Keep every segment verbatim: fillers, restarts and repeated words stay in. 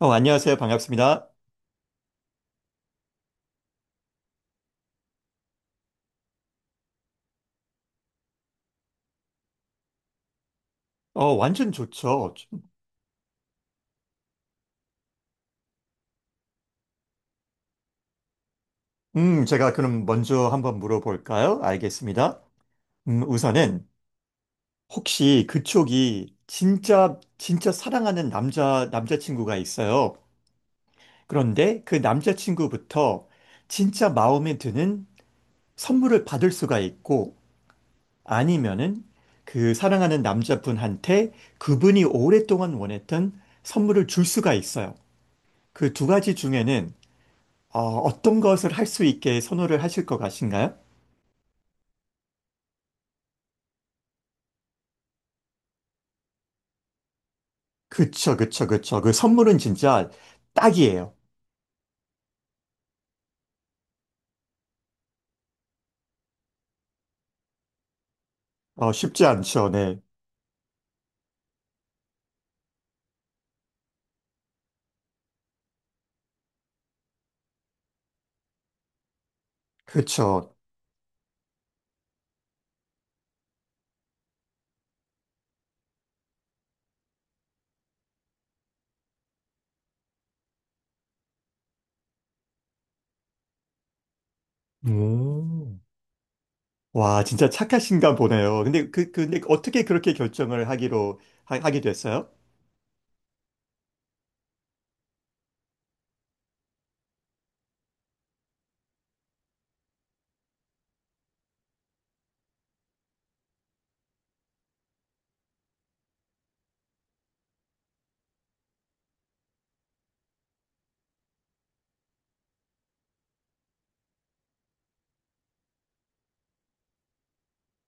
어, 안녕하세요. 반갑습니다. 어, 완전 좋죠. 음, 제가 그럼 먼저 한번 물어볼까요? 알겠습니다. 음, 우선은 혹시 그쪽이 진짜, 진짜 사랑하는 남자, 남자친구가 있어요. 그런데 그 남자친구부터 진짜 마음에 드는 선물을 받을 수가 있고 아니면은 그 사랑하는 남자분한테 그분이 오랫동안 원했던 선물을 줄 수가 있어요. 그 두 가지 중에는 어, 어떤 것을 할 수 있게 선호를 하실 것 같으신가요? 그쵸, 그쵸, 그쵸. 그 선물은 진짜 딱이에요. 어, 쉽지 않죠, 네. 그쵸. 오. 와, 진짜 착하신가 보네요. 근데 그, 근데 어떻게 그렇게 결정을 하기로, 하, 하게 됐어요?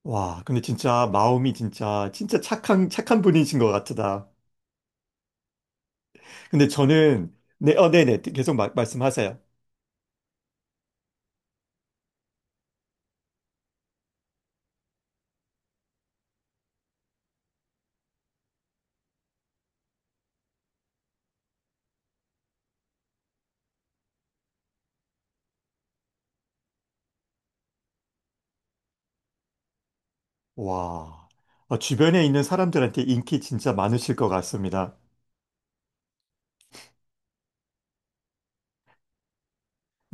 와, 근데 진짜 마음이 진짜, 진짜 착한, 착한 분이신 것 같다. 근데 저는, 네, 어, 네네. 계속 마- 말씀하세요. 와, 어, 주변에 있는 사람들한테 인기 진짜 많으실 것 같습니다.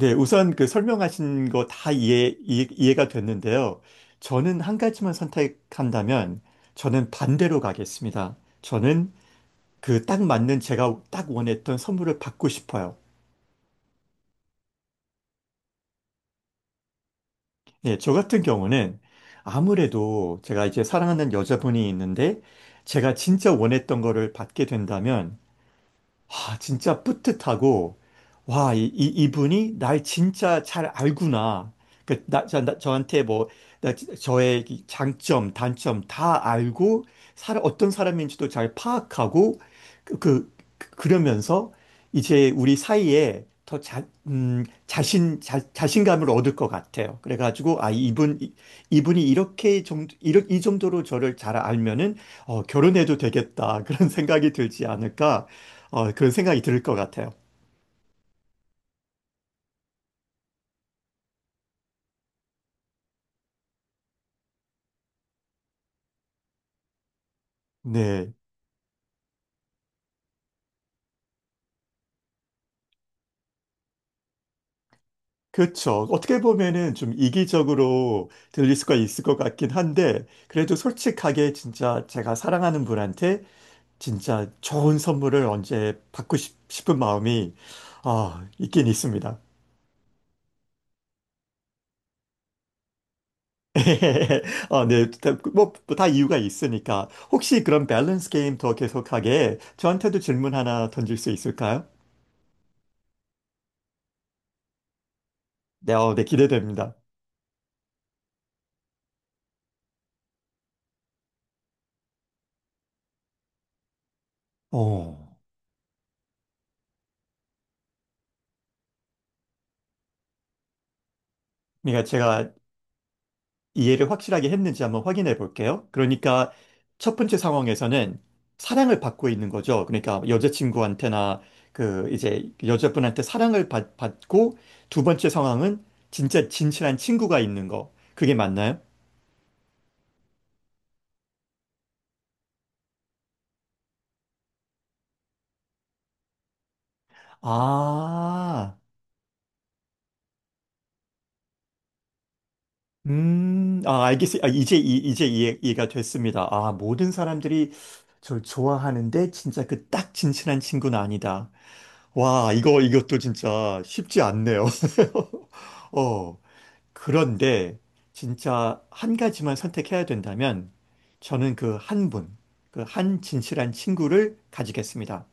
네, 우선 그 설명하신 거 다 이해, 이해, 이해가 됐는데요. 저는 한 가지만 선택한다면 저는 반대로 가겠습니다. 저는 그 딱 맞는 제가 딱 원했던 선물을 받고 싶어요. 예, 저 같은 경우는 아무래도 제가 이제 사랑하는 여자분이 있는데 제가 진짜 원했던 거를 받게 된다면 아, 진짜 뿌듯하고, 와, 이, 이, 이분이 날 진짜 잘 알구나. 그, 나, 저, 나- 저한테 뭐, 나, 지- 저의 이 장점, 단점 다 알고, 사람, 어떤 사람인지도 잘 파악하고, 그, 그, 그- 그러면서 이제 우리 사이에 더 자, 음, 자신, 자, 자신감을 얻을 것 같아요. 그래가지고, 아, 이분, 이- 이분이 이렇게 정도, 이렇- 이 정도로 저를 잘 알면은, 어, 결혼해도 되겠다. 그런 생각이 들지 않을까. 어, 그런 생각이 들 것 같아요. 네. 그렇죠. 어떻게 보면은 좀 이기적으로 들릴 수가 있을 것 같긴 한데, 그래도 솔직하게 진짜 제가 사랑하는 분한테 진짜 좋은 선물을 언제 받고 싶, 은 마음이, 아, 있긴 있습니다. 어, 네. 다- 뭐, 다 이유가 있으니까. 혹시 그런 밸런스 게임 더 계속하게 저한테도 질문 하나 던질 수 있을까요? 네, 어, 네, 기대됩니다. 오. 그러니까 제가 이해를 확실하게 했는지 한번 확인해 볼게요. 그러니까 첫 번째 상황에서는 사랑을 받고 있는 거죠. 그러니까 여자친구한테나 그 이제 여자분한테 사랑을 받, 받고 두 번째 상황은 진짜 진실한 친구가 있는 거. 그게 맞나요? 아, 음, 아, 알겠어요. 아, 이제, 이, 이제 이해, 이해가 됐습니다. 아, 모든 사람들이 저를 좋아하는데 진짜 그 딱 진실한 친구는 아니다. 와, 이거, 이것도 진짜 쉽지 않네요. 어, 그런데 진짜 한 가지만 선택해야 된다면 저는 그 한 분, 그 한 진실한 친구를 가지겠습니다.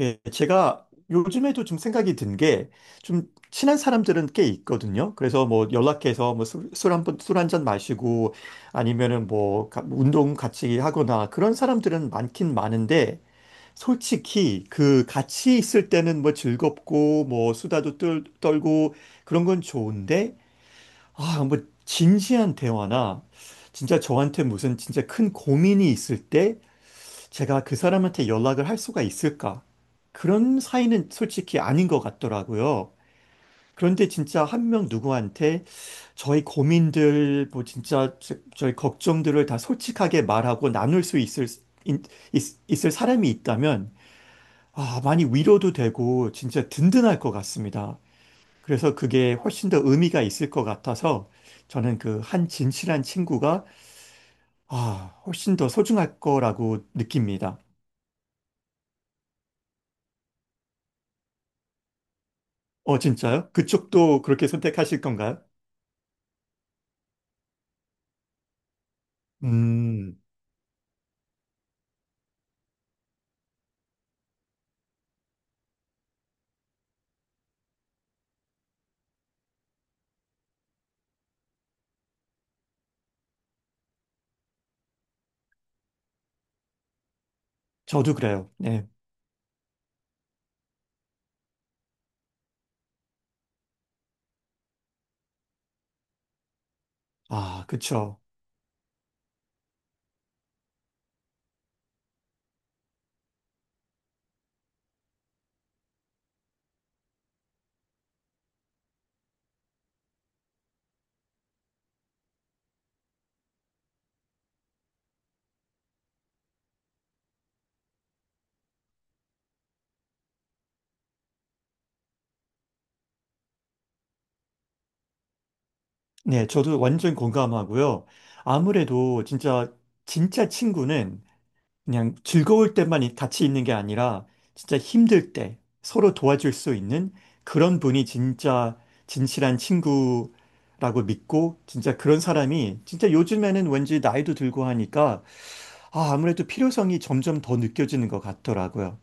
예, 제가 요즘에도 좀 생각이 든 게 좀 친한 사람들은 꽤 있거든요. 그래서 뭐 연락해서 뭐 술, 술 한 번, 술 한 잔 마시고 아니면은 뭐 가- 운동 같이 하거나 그런 사람들은 많긴 많은데 솔직히 그 같이 있을 때는 뭐 즐겁고 뭐 수다도 떨, 떨고 그런 건 좋은데 아, 뭐 진지한 대화나 진짜 저한테 무슨 진짜 큰 고민이 있을 때 제가 그 사람한테 연락을 할 수가 있을까? 그런 사이는 솔직히 아닌 것 같더라고요. 그런데 진짜 한 명 누구한테 저희 고민들, 뭐 진짜 저- 저희 걱정들을 다 솔직하게 말하고 나눌 수 있을, 있, 있- 있을 사람이 있다면 아, 많이 위로도 되고 진짜 든든할 것 같습니다. 그래서 그게 훨씬 더 의미가 있을 것 같아서 저는 그 한 진실한 친구가 아, 훨씬 더 소중할 거라고 느낍니다. 어, 진짜요? 그쪽도 그렇게 선택하실 건가요? 음, 저도 그래요. 네. 아, 그쵸. 네, 저도 완전 공감하고요. 아무래도 진짜, 진짜 친구는 그냥 즐거울 때만 이- 같이 있는 게 아니라 진짜 힘들 때 서로 도와줄 수 있는 그런 분이 진짜 진실한 친구라고 믿고 진짜 그런 사람이 진짜 요즘에는 왠지 나이도 들고 하니까 아, 아무래도 필요성이 점점 더 느껴지는 것 같더라고요.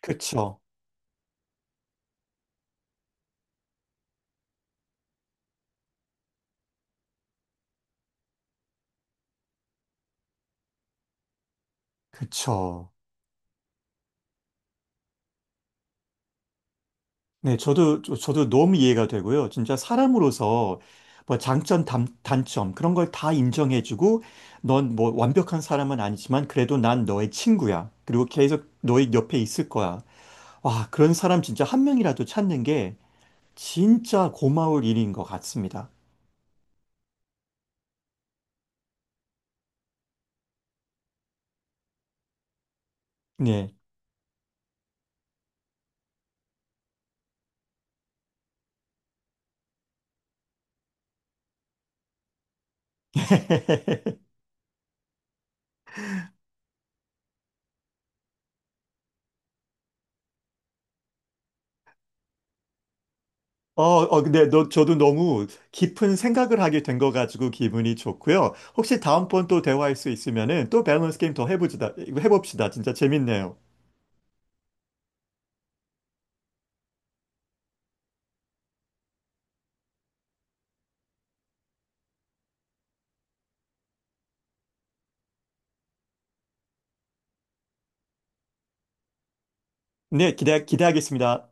그쵸. 그쵸. 네, 저도, 저- 저도 너무 이해가 되고요. 진짜 사람으로서 뭐 장점, 단, 단점, 그런 걸 다 인정해주고, 넌 뭐 완벽한 사람은 아니지만, 그래도 난 너의 친구야. 그리고 계속 너의 옆에 있을 거야. 와, 그런 사람 진짜 한 명이라도 찾는 게 진짜 고마울 일인 것 같습니다. 네. 어, 어, 근데 너, 저도 너무 깊은 생각을 하게 된 거 가지고 기분이 좋고요. 혹시 다음번 또 대화할 수 있으면은 또 밸런스 게임 더 해보자, 해봅시다. 진짜 재밌네요. 네, 기대, 기대하겠습니다.